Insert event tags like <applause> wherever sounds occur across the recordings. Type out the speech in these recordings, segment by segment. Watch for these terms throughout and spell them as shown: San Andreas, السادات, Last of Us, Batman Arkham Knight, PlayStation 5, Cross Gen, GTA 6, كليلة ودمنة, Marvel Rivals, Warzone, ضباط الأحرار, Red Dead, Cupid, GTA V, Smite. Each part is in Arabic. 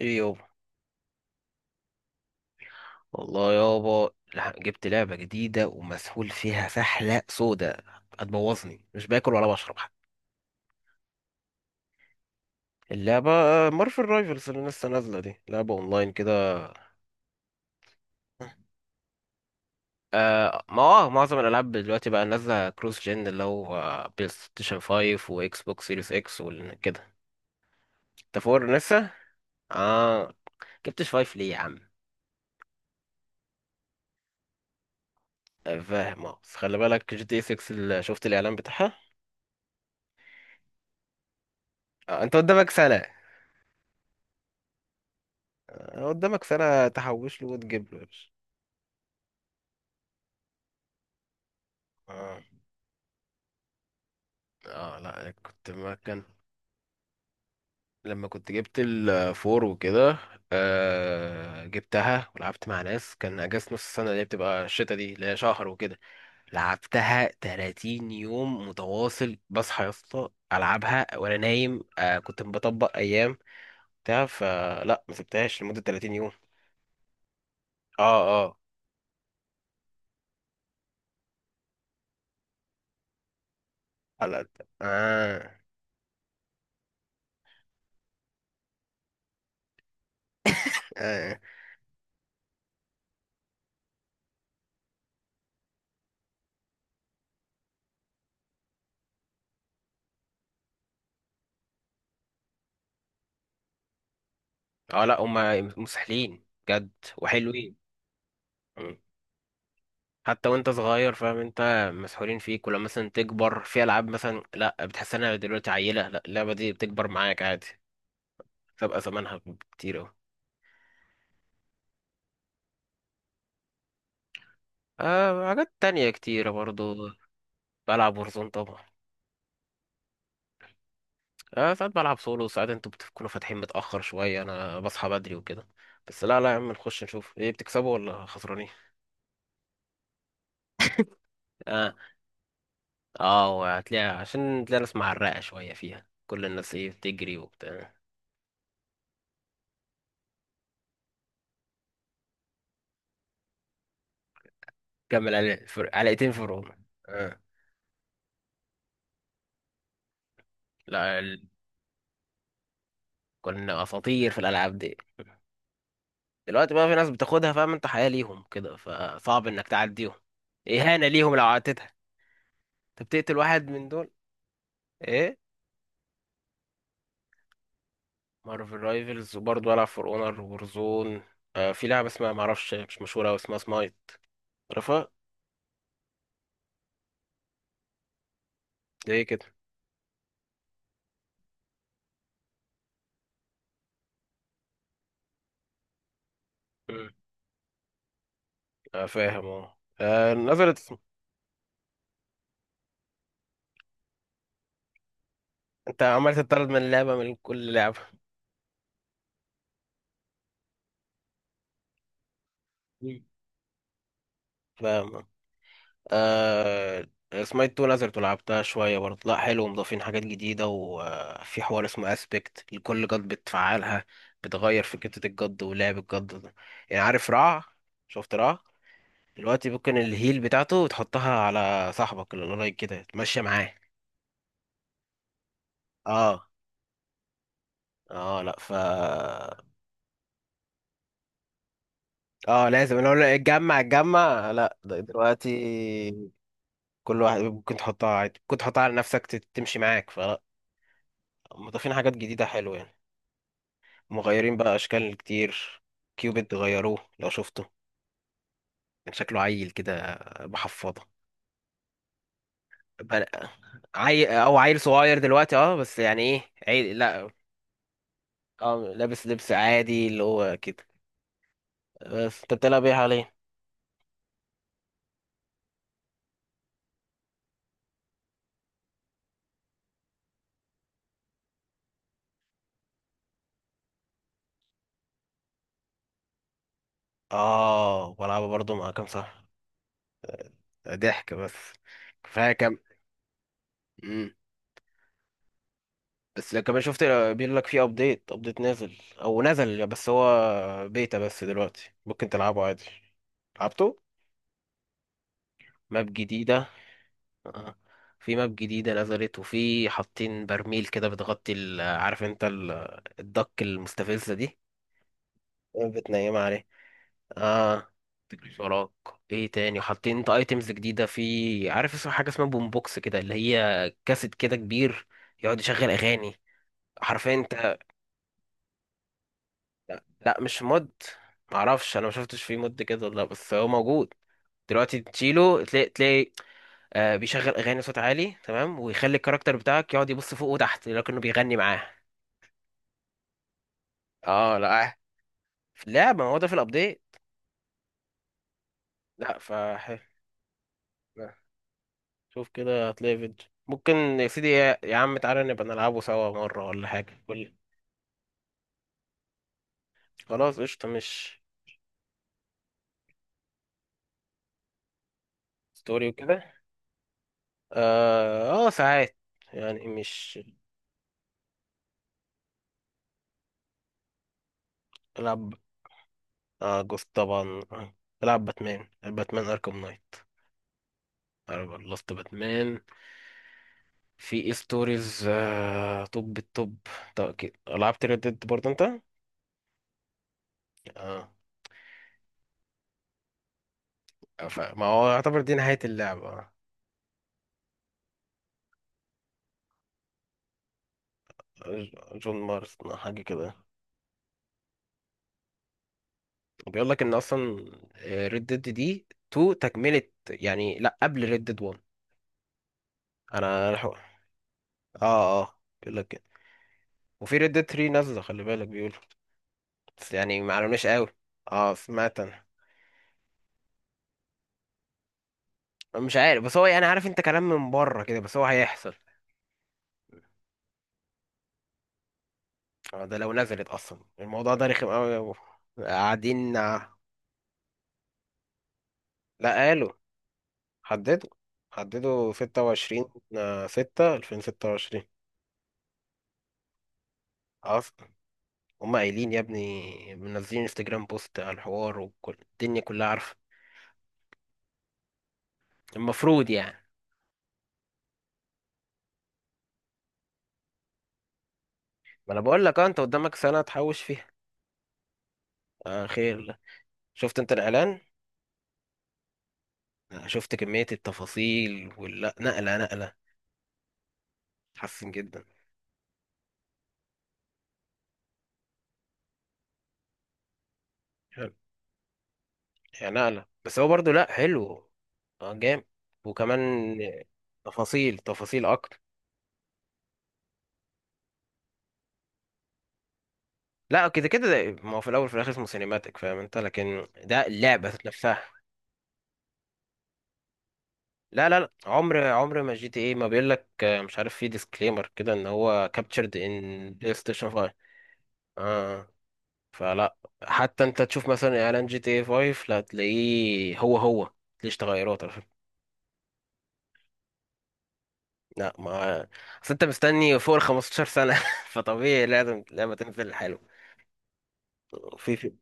ايه يابا. والله يابا جبت لعبة جديدة ومسحول فيها سحلة سودة، هتبوظني، مش باكل ولا بشرب حتى. اللعبة مارفل رايفلز اللي لسه نازلة دي لعبة اونلاين كده. آه ما آه، معظم الالعاب دلوقتي بقى نازلة كروس جن، اللي هو بلاي ستيشن 5 واكس بوكس سيريس اكس وكده. انت فور لسه؟ اه. جبتش 5 ليه يا عم؟ فاهم، اه، بس خلي بالك جي تي 6 اللي شفت الاعلان بتاعها. آه انت قدامك سنة. قدامك سنة تحوش له وتجيب له. اه اه، لا أنا كنت ما كان. لما كنت جبت الفور وكده آه جبتها ولعبت مع ناس، كان اجازة نص السنة، اللي هي بتبقى الشتا دي، اللي هي شهر وكده. لعبتها 30 يوم متواصل، بصحى يا اسطى العبها وانا نايم. آه كنت بطبق ايام بتاع فلا، ما سبتهاش لمدة 30 يوم. اه اه، على اه اه, آه آه، لا هما مسحلين جد وحلوين. حتى وانت صغير فاهم انت مسحولين فيك، ولما مثلا تكبر في العاب مثلا لا بتحس انها دلوقتي عيله، لا اللعبه دي بتكبر معاك عادي. تبقى زمانها كتير اهو. آه حاجات تانية كتيرة برضو. بلعب ورزون طبعا. آه ساعات بلعب سولو، ساعات انتوا بتكونوا فاتحين متأخر شوية، انا بصحى بدري وكده. بس لا يا عم نخش نشوف ايه بتكسبوا ولا خسرانين. اه اه، هتلاقي، عشان تلاقي ناس معرقة شوية فيها، كل الناس ايه بتجري وبتاع. علقتين فرعون آه. لا، كنا اساطير في الالعاب دي. دلوقتي بقى في ناس بتاخدها فاهم انت حياة ليهم كده، فصعب انك تعديهم، اهانة ليهم لو عدتها. انت بتقتل واحد من دول. ايه؟ مارفل رايفلز وبرضه العب فور اونر وورزون. آه في لعبة اسمها معرفش مش مشهورة أوي، اسمها سمايت. عارفها؟ ليه كده؟ مم. آه فاهم، اه، نزلت. انت عمال تطرد من اللعبة، من كل لعبة. مم. فاهم. آه. اسمها تو نزلت ولعبتها شوية برضه، لا حلو، ومضافين حاجات جديدة، وفي حوار اسمه اسبكت لكل جد بتفعلها، بتغير في كتة الجد ولعب الجد ده. يعني عارف رع، شفت رع؟ دلوقتي ممكن الهيل بتاعته تحطها على صاحبك اللي قريب كده تمشي معاه. اه اه. لا ف، اه، لازم لو لا اتجمع اتجمع، لا ده دلوقتي كل واحد ممكن تحطها عادي، ممكن تحطها على نفسك تمشي معاك فلا. مضافين حاجات جديدة حلوة يعني. مغيرين بقى اشكال كتير. كيوبيد غيروه لو شفته. كان شكله عيل كده بحفاضه. بقى- عيل او عيل صغير دلوقتي، اه بس يعني ايه، عيل لا، اه لابس لبس عادي اللي هو كده. بس انت بتلعب ايه حاليا؟ اه بلعبها برضه، مع كام صح؟ ضحك بس، كفايه كام. مم. بس لو كمان شفت، بيقول لك في ابديت، ابديت نازل او نزل، بس هو بيتا، بس دلوقتي ممكن تلعبه عادي. لعبته. ماب جديده. آه. في ماب جديدة نزلت، وفي حاطين برميل كده بتغطي عارف انت الدك المستفزة دي، بتنيم عليه. اه. شراك. ايه تاني حاطين، انت ايتمز جديدة في، عارف اسمها، حاجة اسمها بوم بوكس كده اللي هي كاسيت كده كبير، يقعد يشغل اغاني حرفيا انت. لا مش مود، معرفش، انا ما شفتش فيه مود كده ولا لأ، بس هو موجود دلوقتي، تشيله تلاقي. آه بيشغل اغاني صوت عالي تمام، ويخلي الكاركتر بتاعك يقعد يبص فوق وتحت لكنه بيغني معاه. اه لا في اللعبه، ما هو ده في الابديت. لا ف. لا. شوف كده هتلاقي فيديو ممكن. يا سيدي، يا عم تعالى نبقى نلعبه سوا مره ولا حاجه، قول. خلاص قشطه. مش ستوري وكده؟ اه اه ساعات، يعني مش. العب، اه جوست طبعا آه. العب باتمان، باتمان اركم نايت. العب لاست باتمان. في ايه ستوريز طب الطب، طب أكيد. لعبت ريد ديد برضه انت؟ اه. ما هو يعتبر دي نهاية اللعبة آه. جون مارس حاجة كده. بيقول لك ان اصلا ريد ديد دي 2، تكملة يعني، لا قبل ريد ديد 1. انا أنا حق- اه اه بيقول لك كده. وفي ريد ديد 3 نازلة خلي بالك، بيقولوا، بس يعني معلومناش قوي. اه سمعت انا. مش عارف بس هو، يعني عارف انت كلام من بره كده، بس هو هيحصل. اه ده لو نزلت اصلا، الموضوع ده رخم قوي يا ابو. قاعدين. لا قالوا، حددوا حددوا 26 6 2026. اصلا هم قايلين يا ابني، منزلين انستجرام بوست على الحوار وكل الدنيا كلها عارفه. المفروض يعني. ما انا بقول لك، اه انت قدامك سنه تحوش فيها. آه خير. شفت انت الاعلان؟ شفت كميه التفاصيل، ولا نقله، حسن جدا. هي نقلة، بس هو برضو لا حلو. اه جامد. وكمان تفاصيل اكتر. لا كده كده، ده- ما هو في الاول وفي الاخر اسمه سينماتيك، فاهم انت، لكن ده اللعبة ذات نفسها. لا عمر، عمر ما جي تي ايه، ما بيقول لك مش عارف، في ديسكليمر كده ان هو كابتشرد ان بلاي ستيشن 5. اه فلا حتى انت تشوف مثلا اعلان جي تي اي 5 لا تلاقيه، هو ليش تغيرات على فكرة. لا ما، اصل انت مستني فوق ال 15 سنة <laughs> فطبيعي لازم لعبة تنزل حلوة. في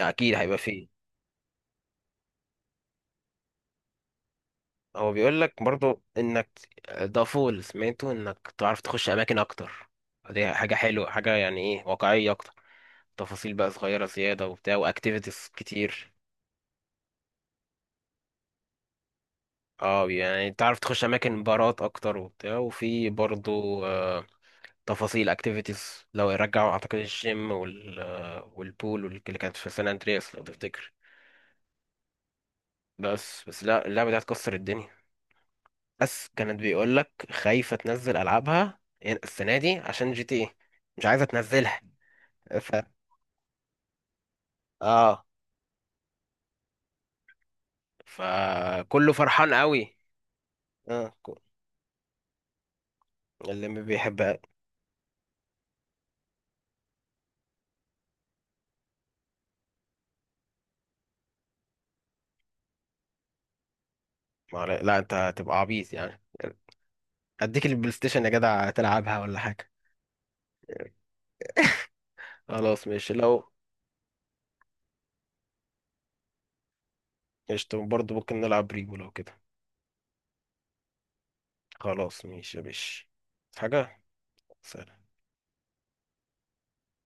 اكيد هيبقى فيه. هو بيقول لك برضو انك، ده فول سمعته، انك تعرف تخش اماكن اكتر، دي حاجه حلوه، حاجه يعني ايه، واقعيه اكتر، تفاصيل بقى صغيره زياده وبتاع، واكتيفيتيز كتير. اه يعني تعرف تخش اماكن بارات اكتر وبتاع، وفي برضو آه تفاصيل اكتيفيتيز لو رجعوا اعتقد الجيم وال آه، والبول واللي كانت في سان اندرياس لو تفتكر. بس لا اللعبه دي هتكسر الدنيا. بس كانت بيقول لك خايفة تنزل ألعابها يعني السنة دي عشان جي تي ايه، مش عايزة تنزلها. ف، اه فكله فرحان قوي. اه ك- اللي ما بيحبها. ما علي- لا انت هتبقى عبيط يعني. اديك البلاي ستيشن يا جدع تلعبها ولا حاجة. خلاص ماشي لو. قشطة برضه ممكن نلعب ريبو لو كده. خلاص ماشي يا باشي. حاجة. سلام.